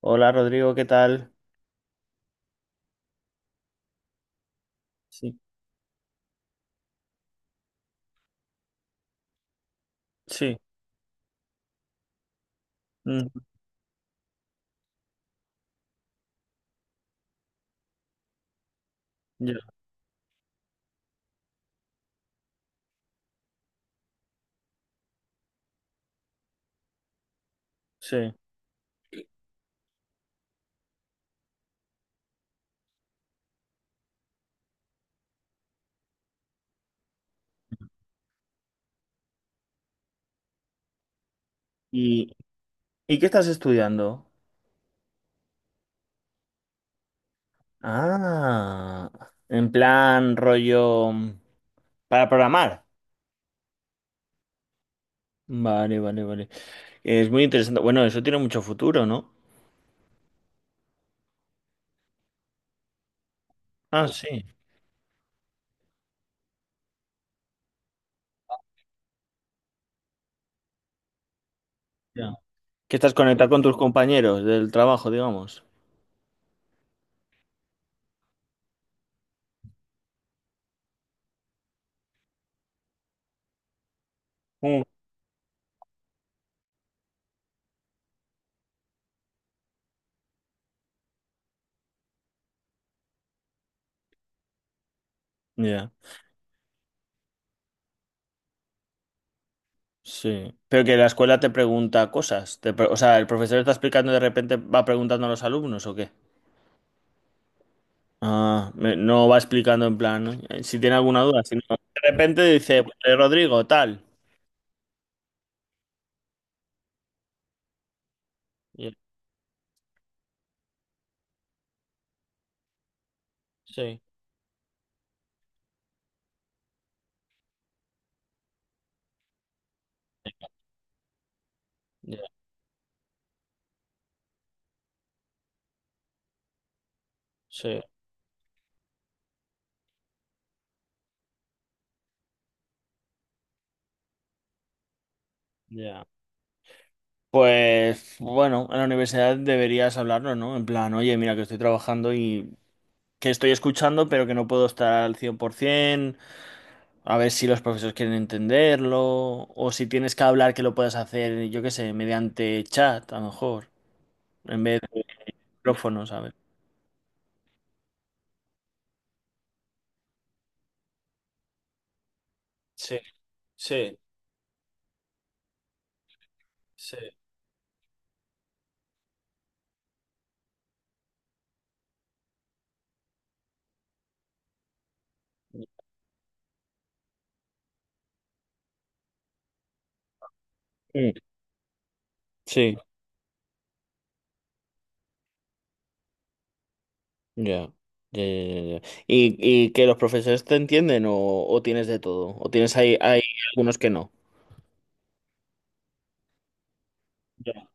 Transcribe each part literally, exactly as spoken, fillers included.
Hola Rodrigo, ¿qué tal? Sí, sí, mm, ya, sí. ¿Y, y qué estás estudiando? Ah, en plan rollo mm, para programar. Vale, vale, vale. Es muy interesante. Bueno, eso tiene mucho futuro, ¿no? Ah, sí, ya. Que estás conectado con tus compañeros del trabajo, digamos. Mm, Ya, sí. Pero que la escuela te pregunta cosas. Te pre- o sea, el profesor está explicando y de repente va preguntando a los alumnos, ¿o qué? Ah, me- no va explicando en plan, ¿no? Eh, Si tiene alguna duda, si no, de repente dice, pues, eh, Rodrigo, tal. Y él, sí, ya, sí, ya. Pues bueno, en la universidad deberías hablarlo, ¿no? En plan, oye, mira que estoy trabajando y que estoy escuchando, pero que no puedo estar al cien por ciento, a ver si los profesores quieren entenderlo, o si tienes que hablar que lo puedas hacer, yo qué sé, mediante chat, a lo mejor, en vez de micrófono, ¿sabes? Sí, sí, sí. Mm, Sí. Ya, ya, ya, ya, ya. ¿Y, y que los profesores te entienden o, o tienes de todo? ¿O tienes ahí, hay algunos que no? Ya,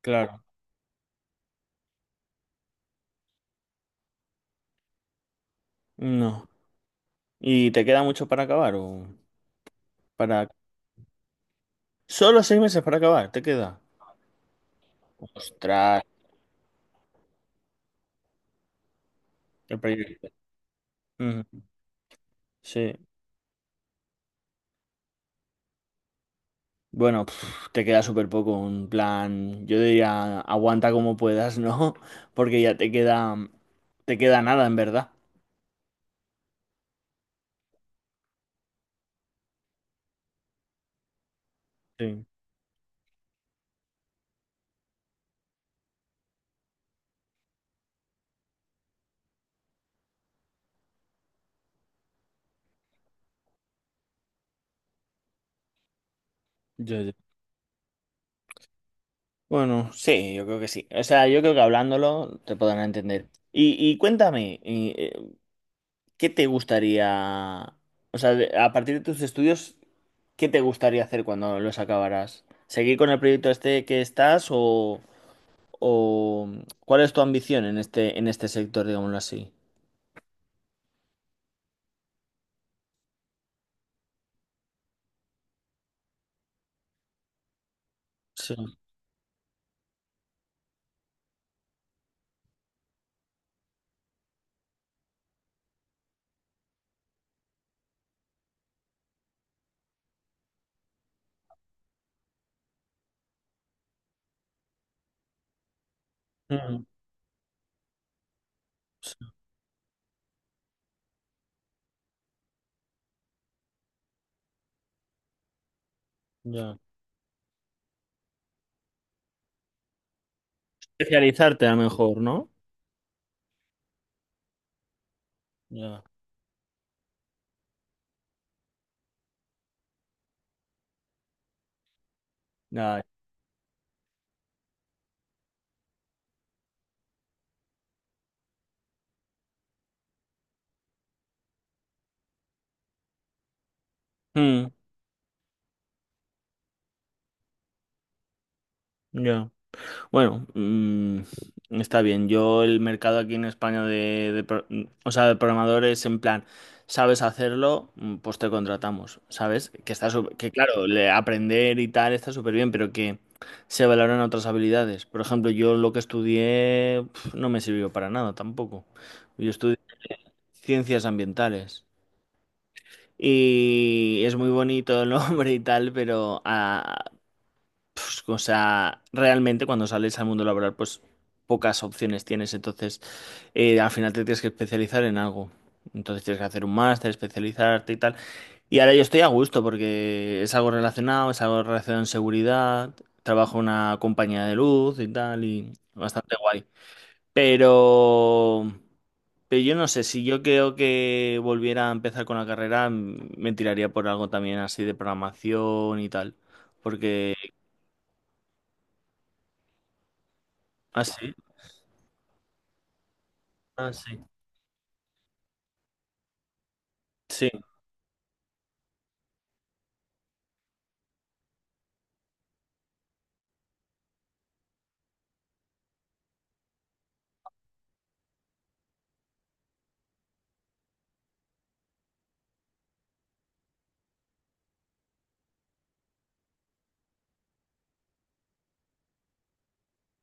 claro. No. ¿Y te queda mucho para acabar? o para... Solo seis meses para acabar, ¿te queda? Ostras, el proyecto. Ujú, Sí. Bueno, pf, te queda súper poco, un plan, yo diría, aguanta como puedas, ¿no? Porque ya te queda, te queda nada, en verdad. Sí. Ya, ya. Bueno, sí, yo creo que sí. O sea, yo creo que hablándolo te podrán entender. Y, y cuéntame, y eh, ¿qué te gustaría, o sea, de- a partir de tus estudios, ¿qué te gustaría hacer cuando los acabarás? ¿Seguir con el proyecto este que estás o, o cuál es tu ambición en este, en este sector, digámoslo así? Sí. Mm, sí, ya. Especializarte a lo mejor, ¿no? Ya. Ya. Mm, ya. Bueno, mm, está bien. Yo el mercado aquí en España de, de pro- mm, o sea, de programadores en plan, sabes hacerlo. Mm, pues te contratamos, ¿sabes? Que está sup- que claro, le- aprender y tal está súper bien, pero que se valoran otras habilidades. Por ejemplo, yo lo que estudié pf, no me sirvió para nada tampoco. Yo estudié ciencias ambientales. Y es muy bonito el nombre y tal, pero ah, pues, o sea, realmente cuando sales al mundo laboral, pues pocas opciones tienes. Entonces, eh, al final te tienes que especializar en algo. Entonces tienes que hacer un máster, especializarte y tal. Y ahora yo estoy a gusto porque es algo relacionado, es algo relacionado en seguridad. Trabajo en una compañía de luz y tal, y bastante guay. Pero, pero yo no sé, si yo creo que volviera a empezar con la carrera, m- me tiraría por algo también así de programación y tal. Porque, así. Ah, sí. Sí,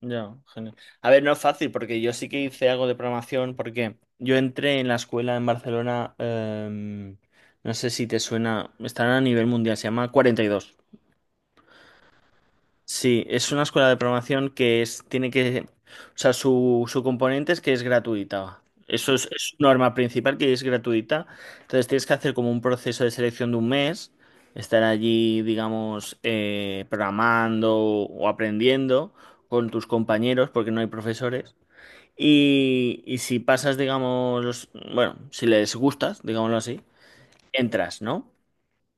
ya, genial. A ver, no es fácil porque yo sí que hice algo de programación porque yo entré en la escuela en Barcelona, em, no sé si te suena, están a nivel mundial, se llama cuarenta y dos. Sí, es una escuela de programación, que es, tiene que, o sea, su, su componente es que es gratuita. Eso es, es su norma principal que es gratuita. Entonces tienes que hacer como un proceso de selección de un mes, estar allí, digamos, eh, programando o aprendiendo con tus compañeros, porque no hay profesores. Y, y si pasas, digamos, los- bueno, si les gustas, digámoslo así, entras, ¿no?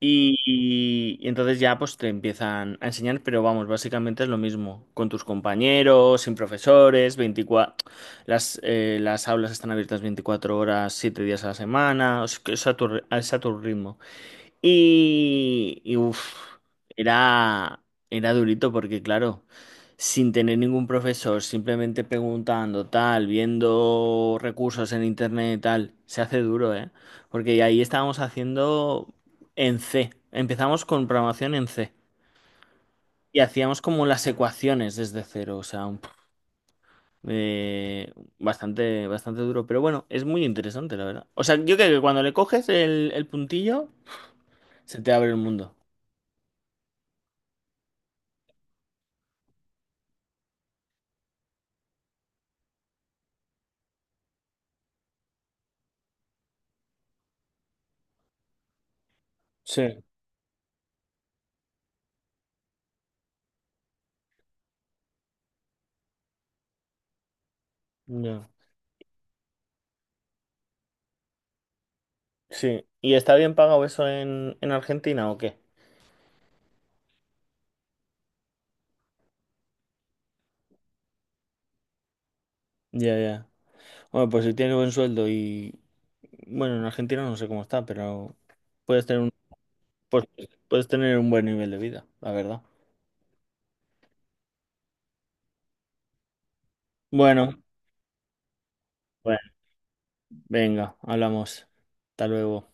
Y, y- y entonces ya pues te empiezan a enseñar, pero vamos, básicamente es lo mismo, con tus compañeros, sin profesores, veinticuatro las, eh, las aulas están abiertas veinticuatro horas, siete días a la semana, o que es a tu, ri- es a tu ritmo. Y, y uf, era, era durito porque, claro, sin tener ningún profesor, simplemente preguntando, tal, viendo recursos en internet, tal, se hace duro, ¿eh? Porque ahí estábamos haciendo en C. Empezamos con programación en C. Y hacíamos como las ecuaciones desde cero, o sea, un- eh, bastante, bastante duro. Pero bueno, es muy interesante, la verdad. O sea, yo creo que cuando le coges el, el puntillo, se te abre el mundo. Sí. Ya. Sí. ¿Y está bien pagado eso en, en, Argentina o qué? Ya, ya. Bueno, pues si tienes buen sueldo y... Bueno, en Argentina no sé cómo está, pero puedes tener un, pues, puedes tener un buen nivel de vida, la verdad. Bueno, bueno, venga, hablamos. Hasta luego.